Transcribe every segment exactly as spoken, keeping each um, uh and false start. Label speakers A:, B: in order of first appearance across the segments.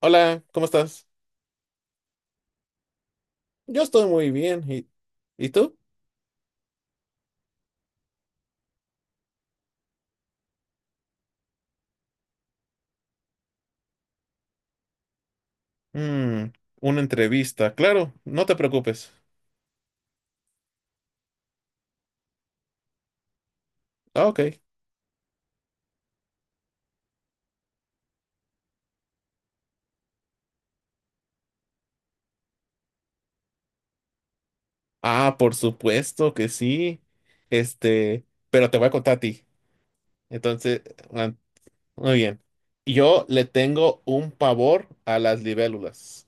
A: Hola, ¿cómo estás? Yo estoy muy bien. ¿Y, y tú? Mm, una entrevista, claro, no te preocupes. Ah, ok. Ah, por supuesto que sí. Este, pero te voy a contar a ti. Entonces, ah, muy bien. Yo le tengo un pavor a las libélulas.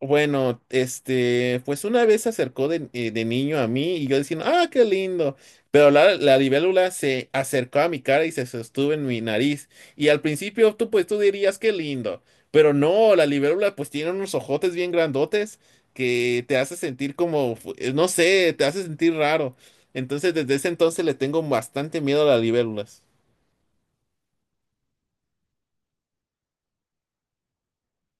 A: Bueno, este, pues una vez se acercó de, eh, de niño a mí y yo diciendo, ah, qué lindo. Pero la, la libélula se acercó a mi cara y se sostuvo en mi nariz. Y al principio tú, pues tú dirías, qué lindo. Pero no, la libélula pues tiene unos ojotes bien grandotes que te hace sentir como, fu- eh, no sé, te hace sentir raro. Entonces desde ese entonces le tengo bastante miedo a las libélulas.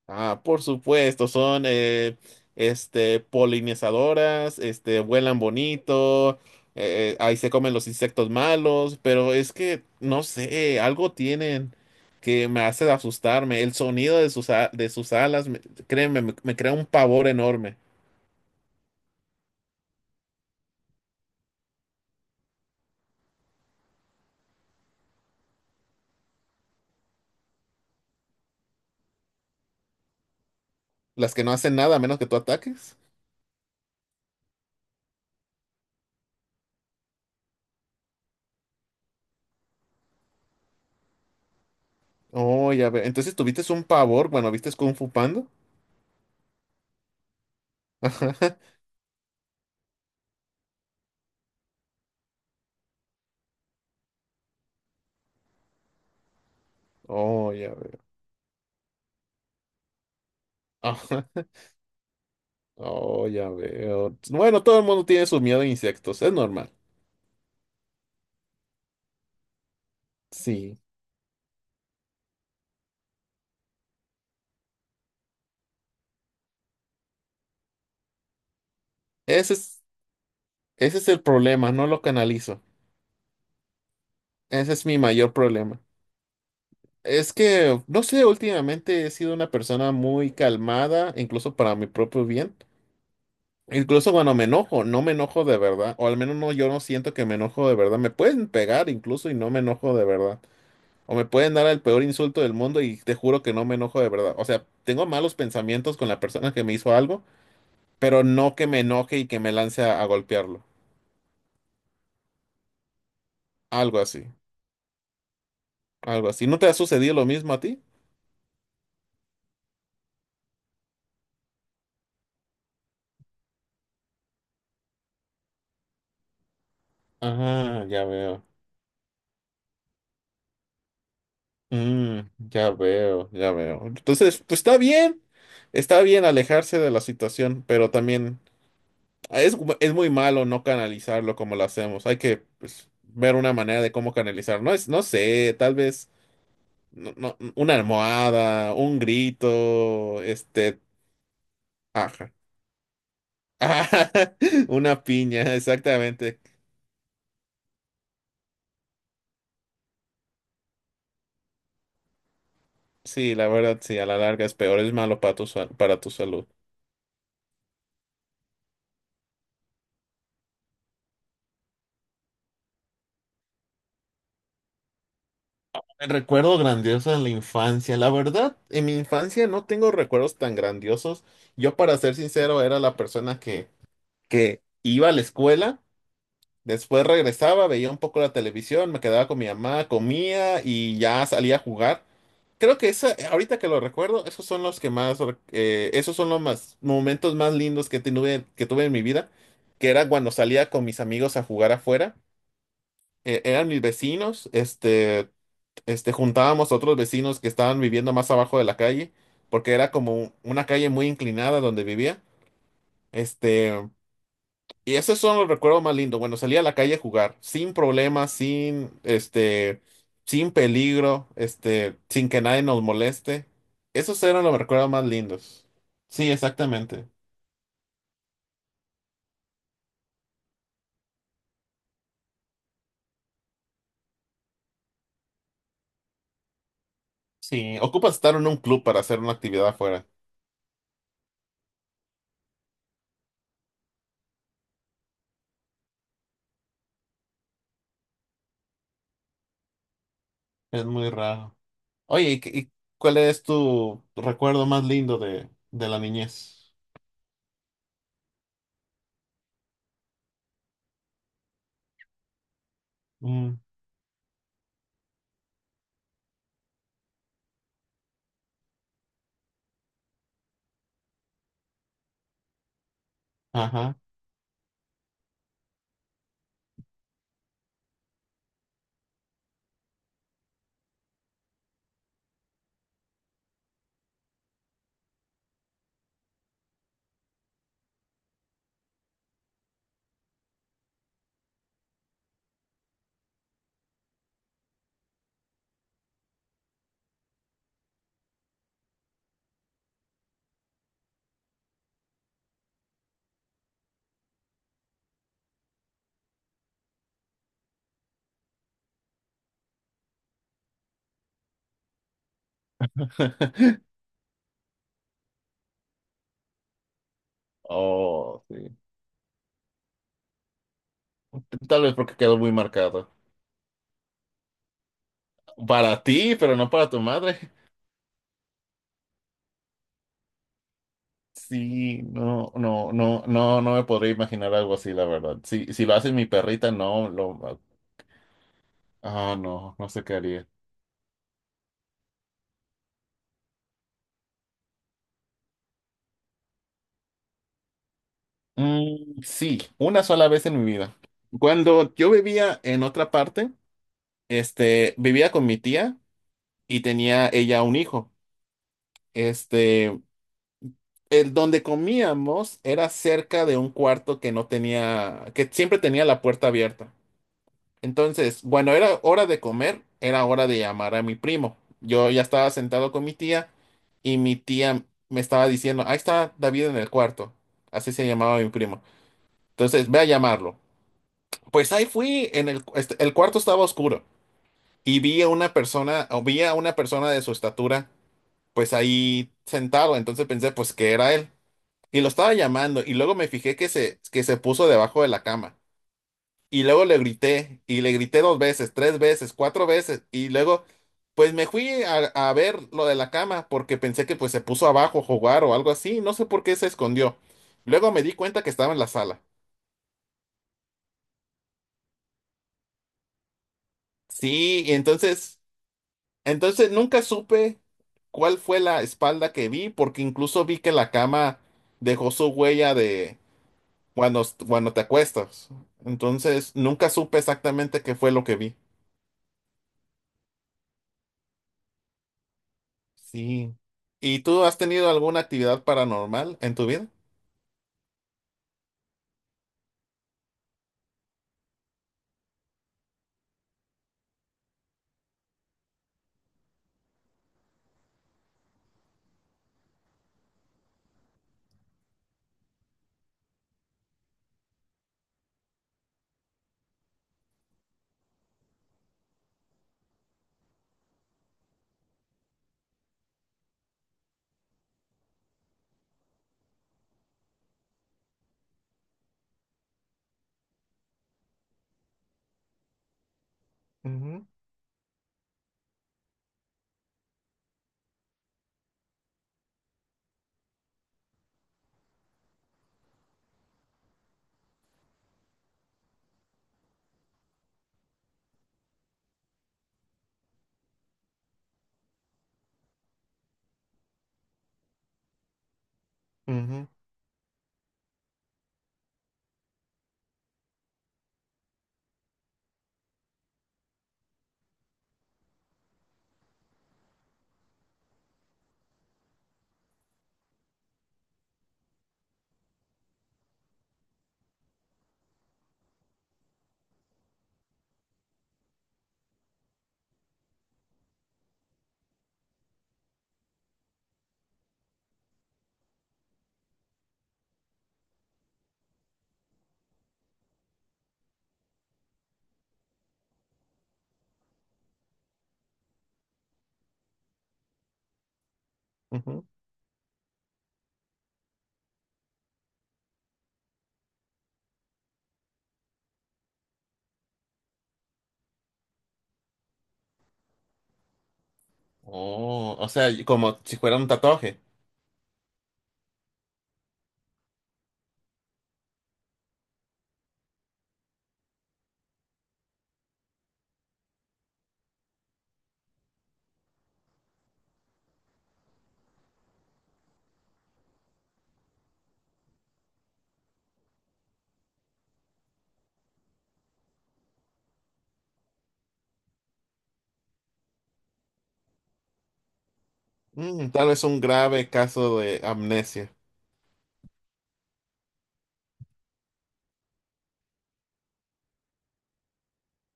A: Ah, por supuesto, son eh, este, polinizadoras, este, vuelan bonito, eh, eh, ahí se comen los insectos malos, pero es que, no sé, algo tienen que me hace asustarme. El sonido de sus, a- de sus alas, me- créeme, me, me crea un pavor enorme. Las que no hacen nada a menos que tú ataques. Oh, ya veo. Entonces tuviste un pavor, bueno, ¿viste Kung Fu Panda? Oh, ya veo. Oh, ya veo. Bueno, todo el mundo tiene su miedo a insectos, es normal. Sí. Ese es, ese es el problema, no lo canalizo. Ese es mi mayor problema. Es que, no sé, últimamente he sido una persona muy calmada, incluso para mi propio bien. Incluso cuando me enojo, no me enojo de verdad, o al menos no, yo no siento que me enojo de verdad. Me pueden pegar incluso y no me enojo de verdad. O me pueden dar el peor insulto del mundo y te juro que no me enojo de verdad. O sea, tengo malos pensamientos con la persona que me hizo algo, pero no que me enoje y que me lance a, a golpearlo. Algo así, algo así. ¿No te ha sucedido lo mismo a ti? Ah, ya veo. Mm, ya veo, ya veo. Entonces, pues está bien, está bien alejarse de la situación, pero también es, es muy malo no canalizarlo como lo hacemos. Hay que pues, ver una manera de cómo canalizar. No es, no sé, tal vez no- no, una almohada, un grito, este, ajá. Ajá, Una piña, exactamente. Sí, la verdad, sí, a la larga es peor, es malo para tu, sal- para tu salud. Recuerdo grandioso en la infancia. La verdad, en mi infancia no tengo recuerdos tan grandiosos. Yo, para ser sincero, era la persona que, que iba a la escuela, después regresaba, veía un poco la televisión, me quedaba con mi mamá, comía y ya salía a jugar. Creo que esa, ahorita que lo recuerdo, esos son los que más, re- eh, esos son los más momentos más lindos que tuve, que tuve en mi vida, que era cuando salía con mis amigos a jugar afuera. e- eran mis vecinos, este, este, juntábamos a otros vecinos que estaban viviendo más abajo de la calle, porque era como un- una calle muy inclinada donde vivía, este, y esos son los recuerdos más lindos. Bueno, salía a la calle a jugar, sin problemas, sin, este, sin peligro, este, sin que nadie nos moleste. Esos eran los recuerdos más lindos. Sí, exactamente. Sí, ocupas estar en un club para hacer una actividad afuera. Es muy raro. Oye, ¿y, qué- y cuál es tu recuerdo más lindo de, de la niñez? Mm, ajá. Oh, sí. Tal vez porque quedó muy marcado. Para ti, pero no para tu madre. Sí, no, no, no, no, no me podría imaginar algo así, la verdad. Si, si lo hace mi perrita, no, lo, ah, no, no sé qué haría. Mm, sí, una sola vez en mi vida. Cuando yo vivía en otra parte, este, vivía con mi tía y tenía ella un hijo. Este, el donde comíamos era cerca de un cuarto que no tenía, que siempre tenía la puerta abierta. Entonces, bueno, era hora de comer, era hora de llamar a mi primo. Yo ya estaba sentado con mi tía y mi tía me estaba diciendo, ahí está David en el cuarto. Así se llamaba mi primo. Entonces, ve a llamarlo. Pues ahí fui. En el, este, el cuarto estaba oscuro y vi a una persona, o vi a una persona de su estatura, pues ahí sentado. Entonces pensé, pues que era él. Y lo estaba llamando y luego me fijé que se, que se puso debajo de la cama. Y luego le grité y le grité dos veces, tres veces, cuatro veces. Y luego, pues me fui a, a ver lo de la cama porque pensé que pues se puso abajo a jugar o algo así. No sé por qué se escondió. Luego me di cuenta que estaba en la sala. Sí, y entonces, entonces nunca supe cuál fue la espalda que vi porque incluso vi que la cama dejó su huella de cuando, cuando te acuestas. Entonces, nunca supe exactamente qué fue lo que vi. Sí. ¿Y tú has tenido alguna actividad paranormal en tu vida? Ujú, ujú, ujú. Oh, o sea, y como si fuera un tatuaje. Mm, tal vez un grave caso de amnesia.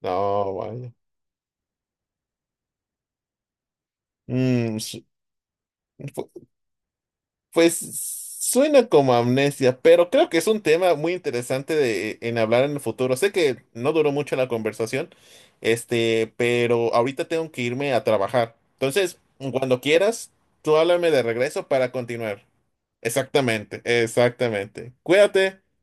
A: No, vaya. Mm, su- Pues suena como amnesia, pero creo que es un tema muy interesante de, en hablar en el futuro. Sé que no duró mucho la conversación, este, pero ahorita tengo que irme a trabajar. Entonces, cuando quieras, tú háblame de regreso para continuar. Exactamente, exactamente. Cuídate.